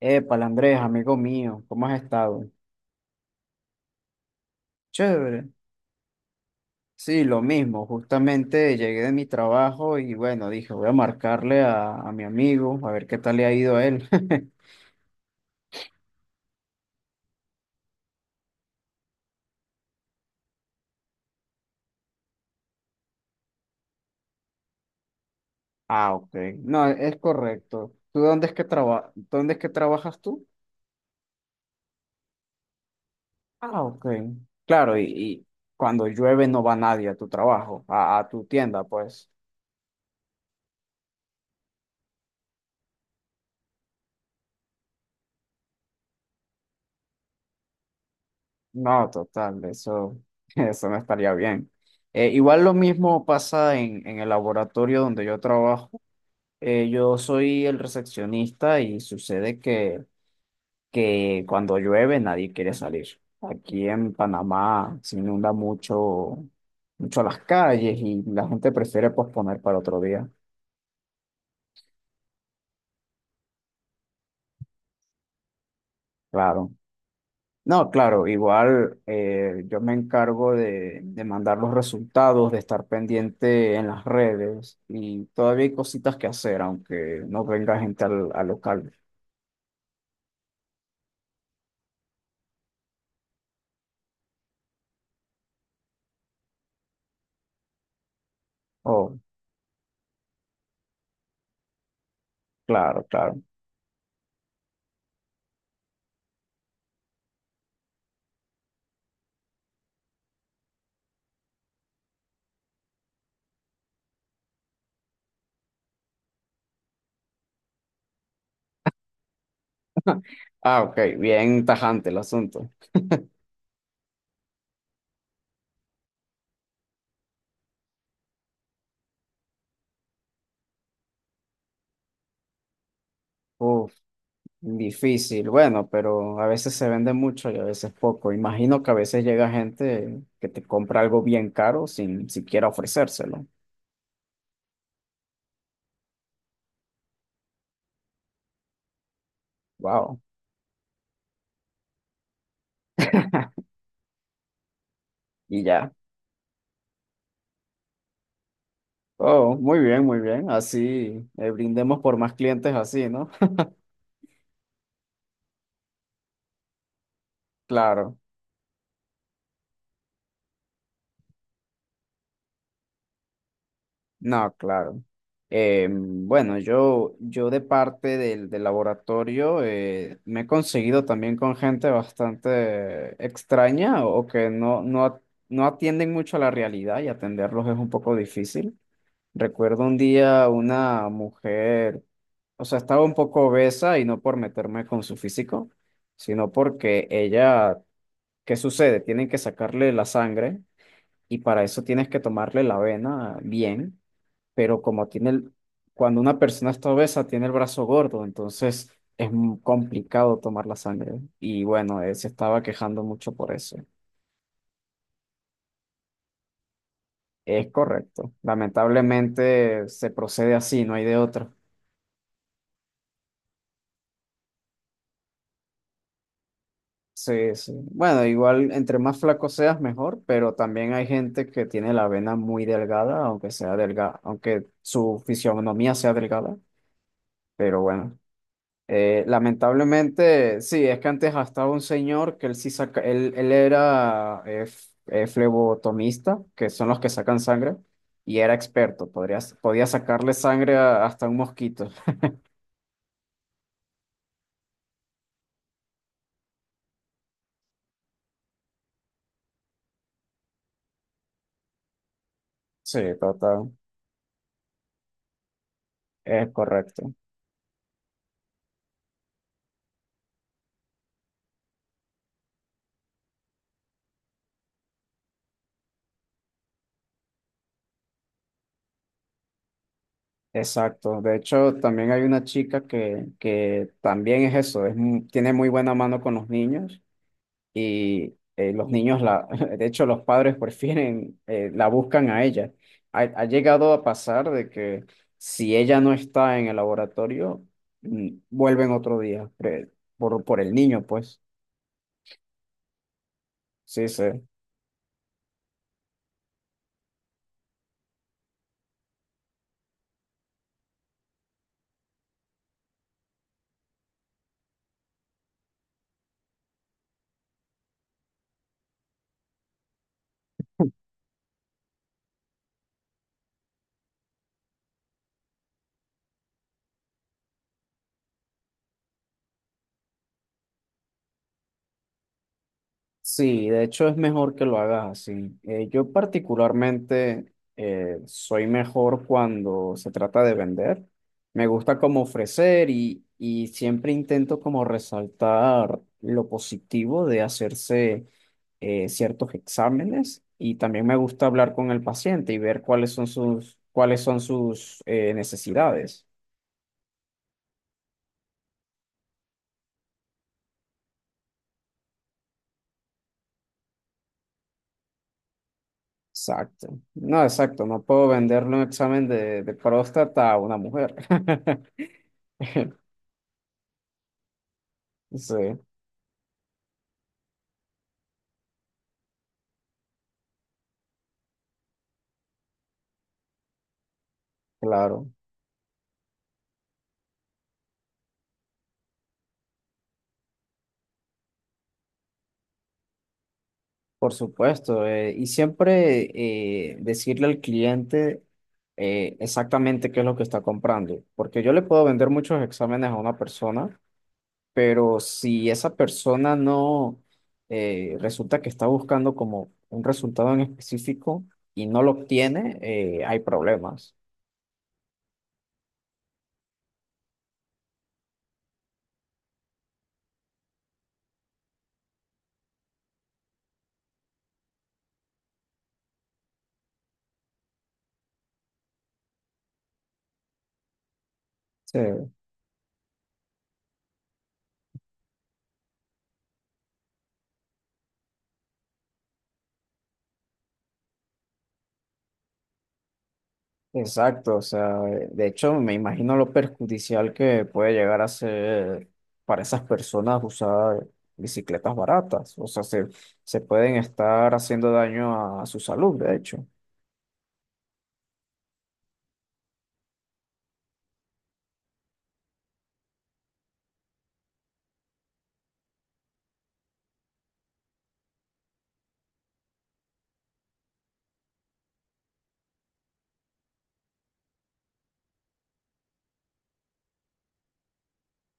Épale, Andrés, amigo mío, ¿cómo has estado? Chévere. Sí, lo mismo, justamente llegué de mi trabajo y bueno, dije, voy a marcarle a mi amigo, a ver qué tal le ha ido a él. Ah, ok. No, es correcto. ¿Tú dónde es que dónde es que trabajas tú? Ah, ok. Claro, y cuando llueve no va nadie a tu trabajo, a tu tienda, pues. No, total, eso, eso no estaría bien. Igual lo mismo pasa en el laboratorio donde yo trabajo. Yo soy el recepcionista y sucede que cuando llueve nadie quiere salir. Aquí en Panamá se inunda mucho, mucho las calles y la gente prefiere posponer para otro día. Claro. No, claro, igual yo me encargo de mandar los resultados, de estar pendiente en las redes y todavía hay cositas que hacer, aunque no venga gente al local. Oh, claro, claro. Ah, ok, bien tajante el asunto. Uf. Difícil, bueno, pero a veces se vende mucho y a veces poco. Imagino que a veces llega gente que te compra algo bien caro sin siquiera ofrecérselo. Wow. Y ya. Oh, muy bien, muy bien. Así brindemos por más clientes así, ¿no? Claro. No, claro. Bueno, yo de parte del laboratorio me he conseguido también con gente bastante extraña o que no atienden mucho a la realidad y atenderlos es un poco difícil. Recuerdo un día una mujer, o sea, estaba un poco obesa y no por meterme con su físico, sino porque ella, ¿qué sucede? Tienen que sacarle la sangre y para eso tienes que tomarle la vena bien, pero como tiene el, cuando una persona está obesa, tiene el brazo gordo, entonces es muy complicado tomar la sangre. Y bueno, él se estaba quejando mucho por eso. Es correcto. Lamentablemente se procede así, no hay de otra. Sí, sí. Bueno, igual entre más flaco seas, mejor, pero también hay gente que tiene la vena muy delgada, aunque sea delgada, aunque su fisionomía sea delgada, pero bueno. Lamentablemente, sí, es que antes estaba un señor que él sí saca, él era flebotomista, que son los que sacan sangre, y era experto, podía sacarle sangre hasta un mosquito. Sí, total, es correcto. Exacto. De hecho, también hay una chica que también es eso, tiene muy buena mano con los niños y los niños, la, de hecho, los padres prefieren, la buscan a ella. Ha llegado a pasar de que si ella no está en el laboratorio, vuelven otro día, por el niño, pues. Sí, sí. Sí, de hecho es mejor que lo hagas así. Yo particularmente soy mejor cuando se trata de vender. Me gusta como ofrecer y siempre intento como resaltar lo positivo de hacerse ciertos exámenes y también me gusta hablar con el paciente y ver cuáles son sus necesidades. Exacto. No, exacto. No puedo venderle un examen de próstata a una mujer. Sí, claro. Por supuesto. Y siempre decirle al cliente exactamente qué es lo que está comprando. Porque yo le puedo vender muchos exámenes a una persona pero si esa persona no resulta que está buscando como un resultado en específico y no lo obtiene, hay problemas. Sí, exacto. O sea, de hecho, me imagino lo perjudicial que puede llegar a ser para esas personas usar bicicletas baratas. O sea, se pueden estar haciendo daño a, su salud, de hecho.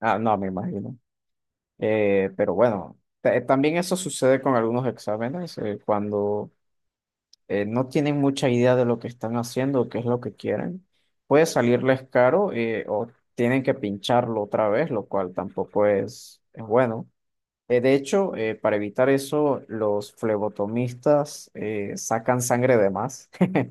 Ah, no, me imagino. Pero bueno, también eso sucede con algunos exámenes, cuando no tienen mucha idea de lo que están haciendo o qué es lo que quieren. Puede salirles caro o tienen que pincharlo otra vez, lo cual tampoco es bueno. De hecho, para evitar eso, los flebotomistas sacan sangre de más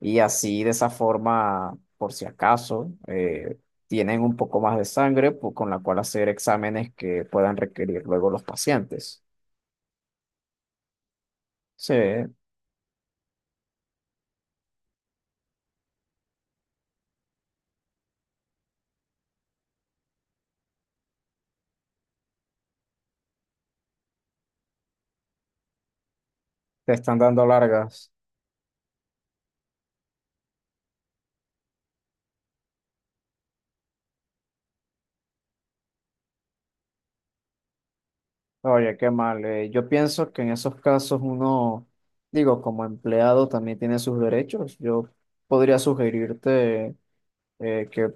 y así de esa forma, por si acaso, tienen un poco más de sangre con la cual hacer exámenes que puedan requerir luego los pacientes. Sí, te están dando largas. Oye, qué mal. Yo pienso que en esos casos uno, digo, como empleado también tiene sus derechos. Yo podría sugerirte que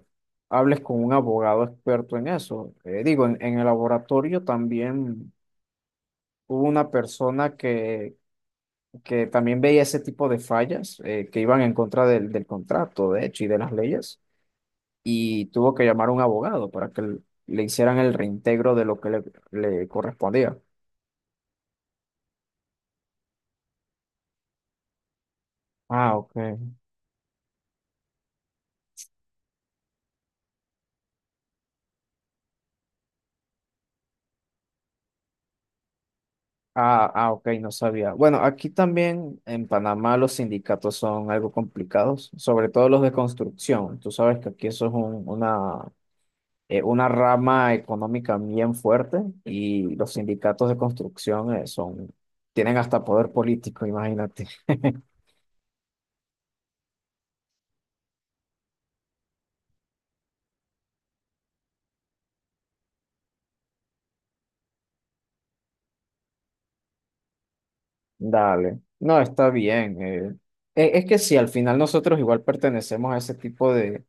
hables con un abogado experto en eso. Digo, en el laboratorio también hubo una persona que también veía ese tipo de fallas que iban en contra del contrato, de hecho, y de las leyes, y tuvo que llamar a un abogado para que le hicieran el reintegro de lo que le correspondía. Ah, ok. Ah, ah, ok, no sabía. Bueno, aquí también en Panamá los sindicatos son algo complicados, sobre todo los de construcción. Tú sabes que aquí eso es una rama económica bien fuerte y los sindicatos de construcción son, tienen hasta poder político, imagínate. Dale. No, está bien. Es que sí, al final nosotros igual pertenecemos a ese tipo de,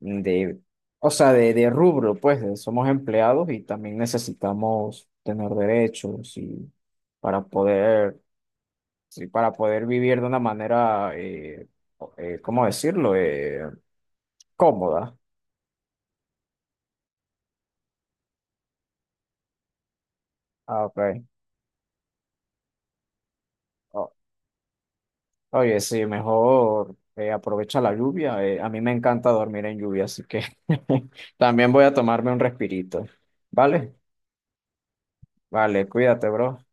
de, o sea, de rubro, pues, somos empleados y también necesitamos tener derechos y para poder, sí, para poder vivir de una manera, ¿cómo decirlo? Cómoda. Ah, ok. O- Oye, sí, mejor aprovecha la lluvia. A mí me encanta dormir en lluvia, así que también voy a tomarme un respirito. ¿Vale? Vale, cuídate, bro.